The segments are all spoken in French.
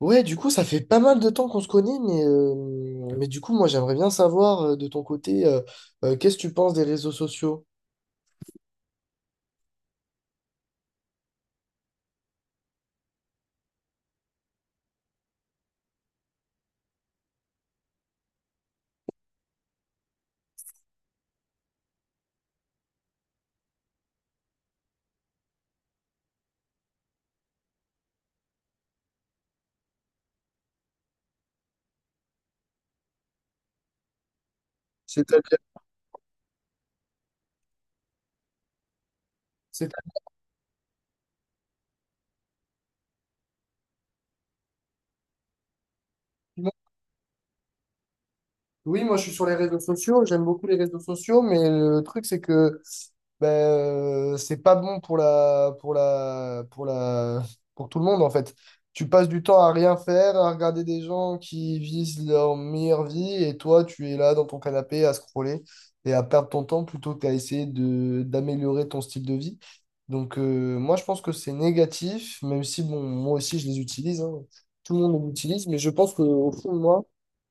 Ouais, du coup, ça fait pas mal de temps qu'on se connaît, mais du coup, moi, j'aimerais bien savoir de ton côté, qu'est-ce que tu penses des réseaux sociaux? C'est-à-dire, c'est-à-dire. Oui, moi, je suis sur les réseaux sociaux, j'aime beaucoup les réseaux sociaux, mais le truc, c'est que ben, c'est pas bon pour tout le monde en fait. Tu passes du temps à rien faire, à regarder des gens qui visent leur meilleure vie et toi, tu es là dans ton canapé à scroller et à perdre ton temps plutôt qu'à essayer d'améliorer ton style de vie. Donc, moi, je pense que c'est négatif, même si, bon, moi aussi, je les utilise, hein. Tout le monde les utilise, mais je pense qu'au fond de moi,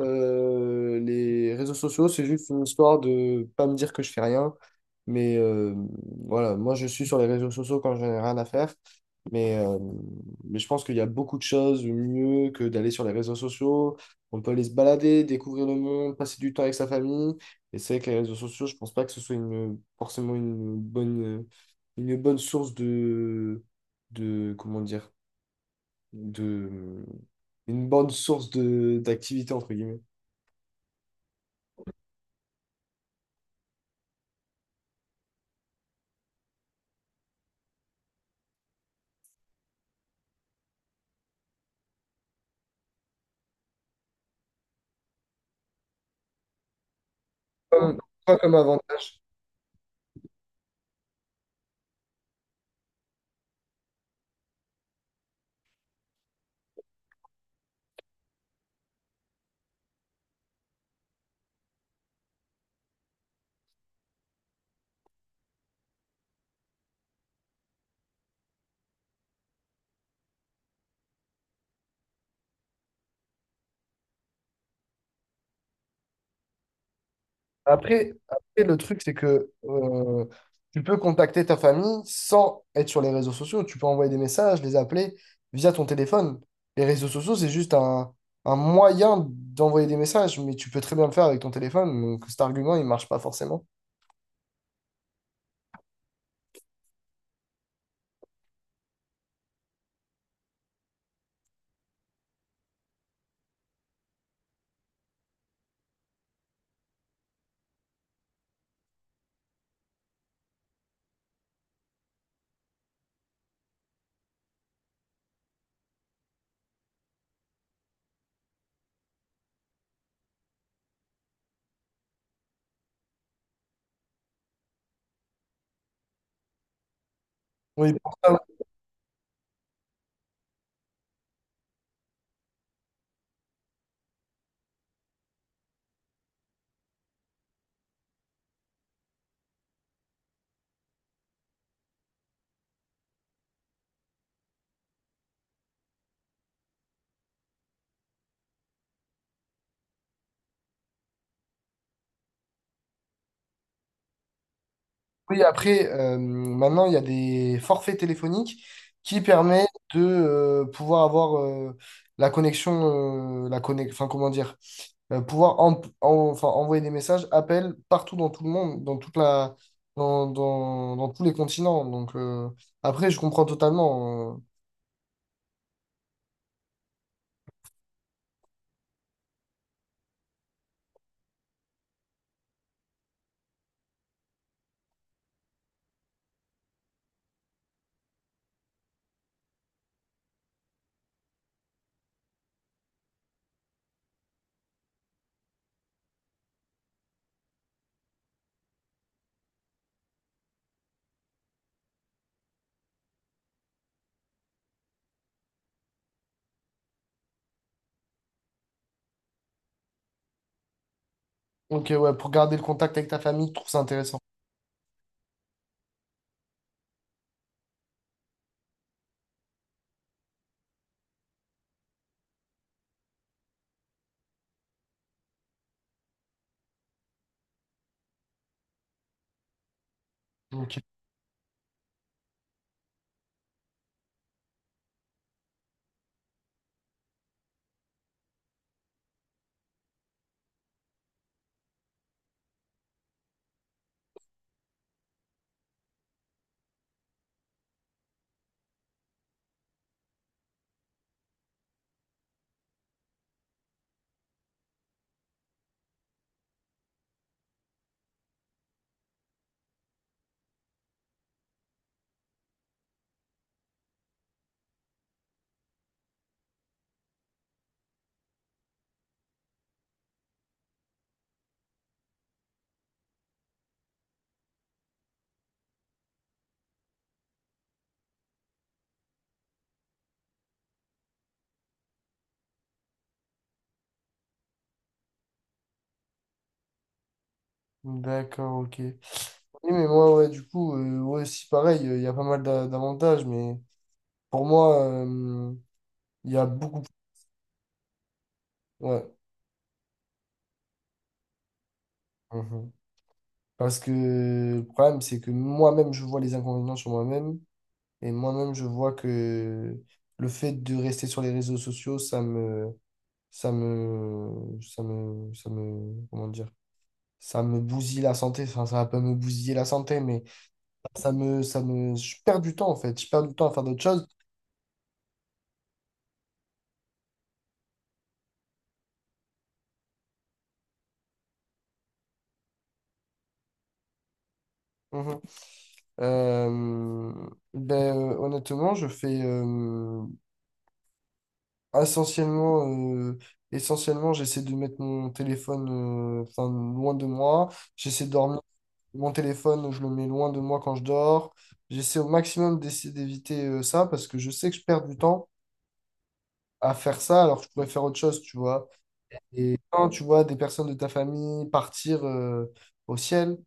les réseaux sociaux, c'est juste une histoire de pas me dire que je fais rien. Mais voilà, moi je suis sur les réseaux sociaux quand je n'ai rien à faire. Mais, euh, mais je pense qu'il y a beaucoup de choses mieux que d'aller sur les réseaux sociaux. On peut aller se balader, découvrir le monde, passer du temps avec sa famille. Et c'est vrai que les réseaux sociaux, je pense pas que ce soit forcément une bonne source comment dire, de, une bonne source d'activité, entre guillemets. comme, quoi comme avantage? Après, le truc, c'est que tu peux contacter ta famille sans être sur les réseaux sociaux. Tu peux envoyer des messages, les appeler via ton téléphone. Les réseaux sociaux, c'est juste un moyen d'envoyer des messages, mais tu peux très bien le faire avec ton téléphone. Donc cet argument, il marche pas forcément. Oui, pour ça. Oui, après, maintenant, il y a des forfaits téléphoniques qui permettent de pouvoir avoir la connexion, enfin, comment dire, pouvoir enfin, envoyer des messages, appels partout dans tout le monde, dans toute la, dans, dans, dans tous les continents. Donc, après, je comprends totalement. Ok, ouais, pour garder le contact avec ta famille, je trouve ça intéressant. Ok, d'accord, ok. Oui, mais moi, ouais, du coup, ouais, si pareil, il y a pas mal d'avantages, mais. Pour moi, il y a beaucoup plus-. Ouais. Mhm. Parce que le problème, c'est que moi-même, je vois les inconvénients sur moi-même. Et moi-même, je vois que le fait de rester sur les réseaux sociaux, ça me. Ça me. Ça me. Ça me. Comment dire? Ça me bousille la santé. Enfin, ça va pas me bousiller la santé, mais ça me. Ça me. Je perds du temps, en fait. Je perds du temps à faire d'autres choses. Mhm. Euh, ben, honnêtement, je fais. Essentiellement, euh, essentiellement, j'essaie de mettre mon téléphone enfin, loin de moi. J'essaie de dormir. Mon téléphone, je le mets loin de moi quand je dors. J'essaie au maximum d'essayer d'éviter ça parce que je sais que je perds du temps à faire ça alors que je pourrais faire autre chose, tu vois. Et quand tu vois des personnes de ta famille partir au ciel,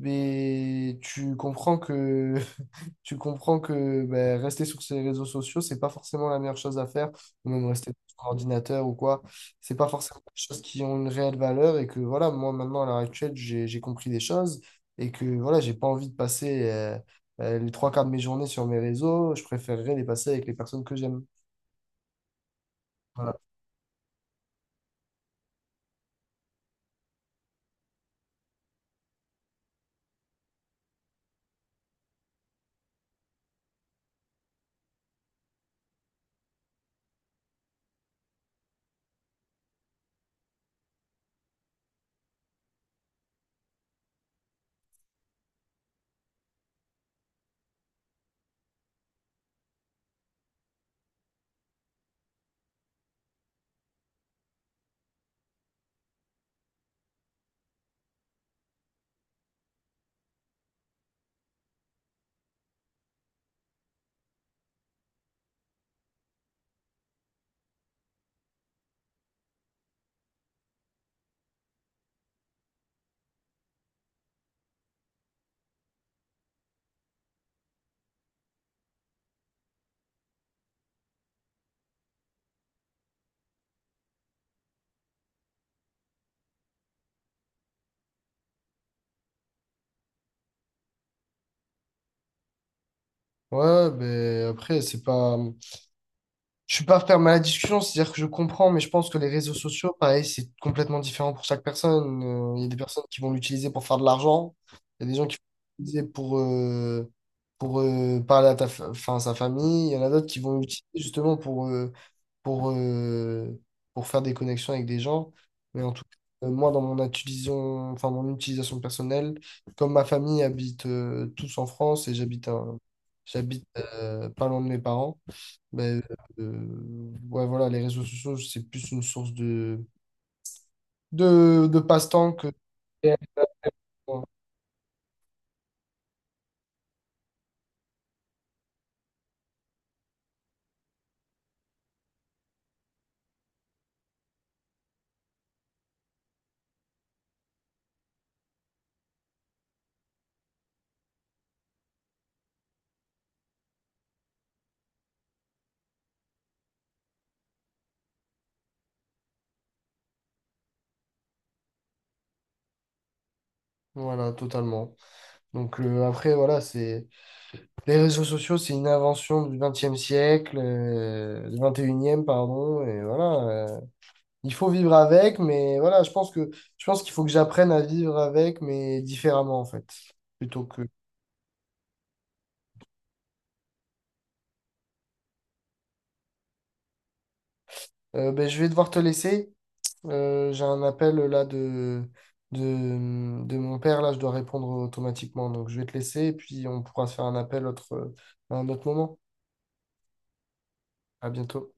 mais tu comprends que tu comprends que ben, rester sur ces réseaux sociaux, c'est pas forcément la meilleure chose à faire, ou même rester sur son ordinateur ou quoi. C'est pas forcément des choses qui ont une réelle valeur et que voilà, moi maintenant à l'heure actuelle, j'ai compris des choses et que voilà, j'ai pas envie de passer les trois quarts de mes journées sur mes réseaux. Je préférerais les passer avec les personnes que j'aime. Voilà. Ouais, ben après, c'est pas. Je suis pas fermé à la discussion, c'est-à-dire que je comprends, mais je pense que les réseaux sociaux, pareil, c'est complètement différent pour chaque personne. Il y a des personnes qui vont l'utiliser pour faire de l'argent, il y a des gens qui vont l'utiliser pour parler à enfin, à sa famille, il y en a d'autres qui vont l'utiliser justement pour, euh, pour faire des connexions avec des gens. Mais en tout cas, moi, dans mon utilisation, enfin, mon utilisation personnelle, comme ma famille habite tous en France et j'habite pas loin de mes parents. Ben, ouais, voilà, les réseaux sociaux, c'est plus une source de, passe-temps que... Voilà, totalement. Donc après, voilà, c'est... Les réseaux sociaux, c'est une invention du 20e siècle, du 21e, pardon, et voilà. euh, il faut vivre avec, mais voilà, je pense que je pense qu'il faut que j'apprenne à vivre avec, mais différemment, en fait. Plutôt que... Ben, je vais devoir te laisser. J'ai un appel là de mon père, là je dois répondre automatiquement. Donc je vais te laisser et puis on pourra se faire un appel autre, à un autre moment. À bientôt.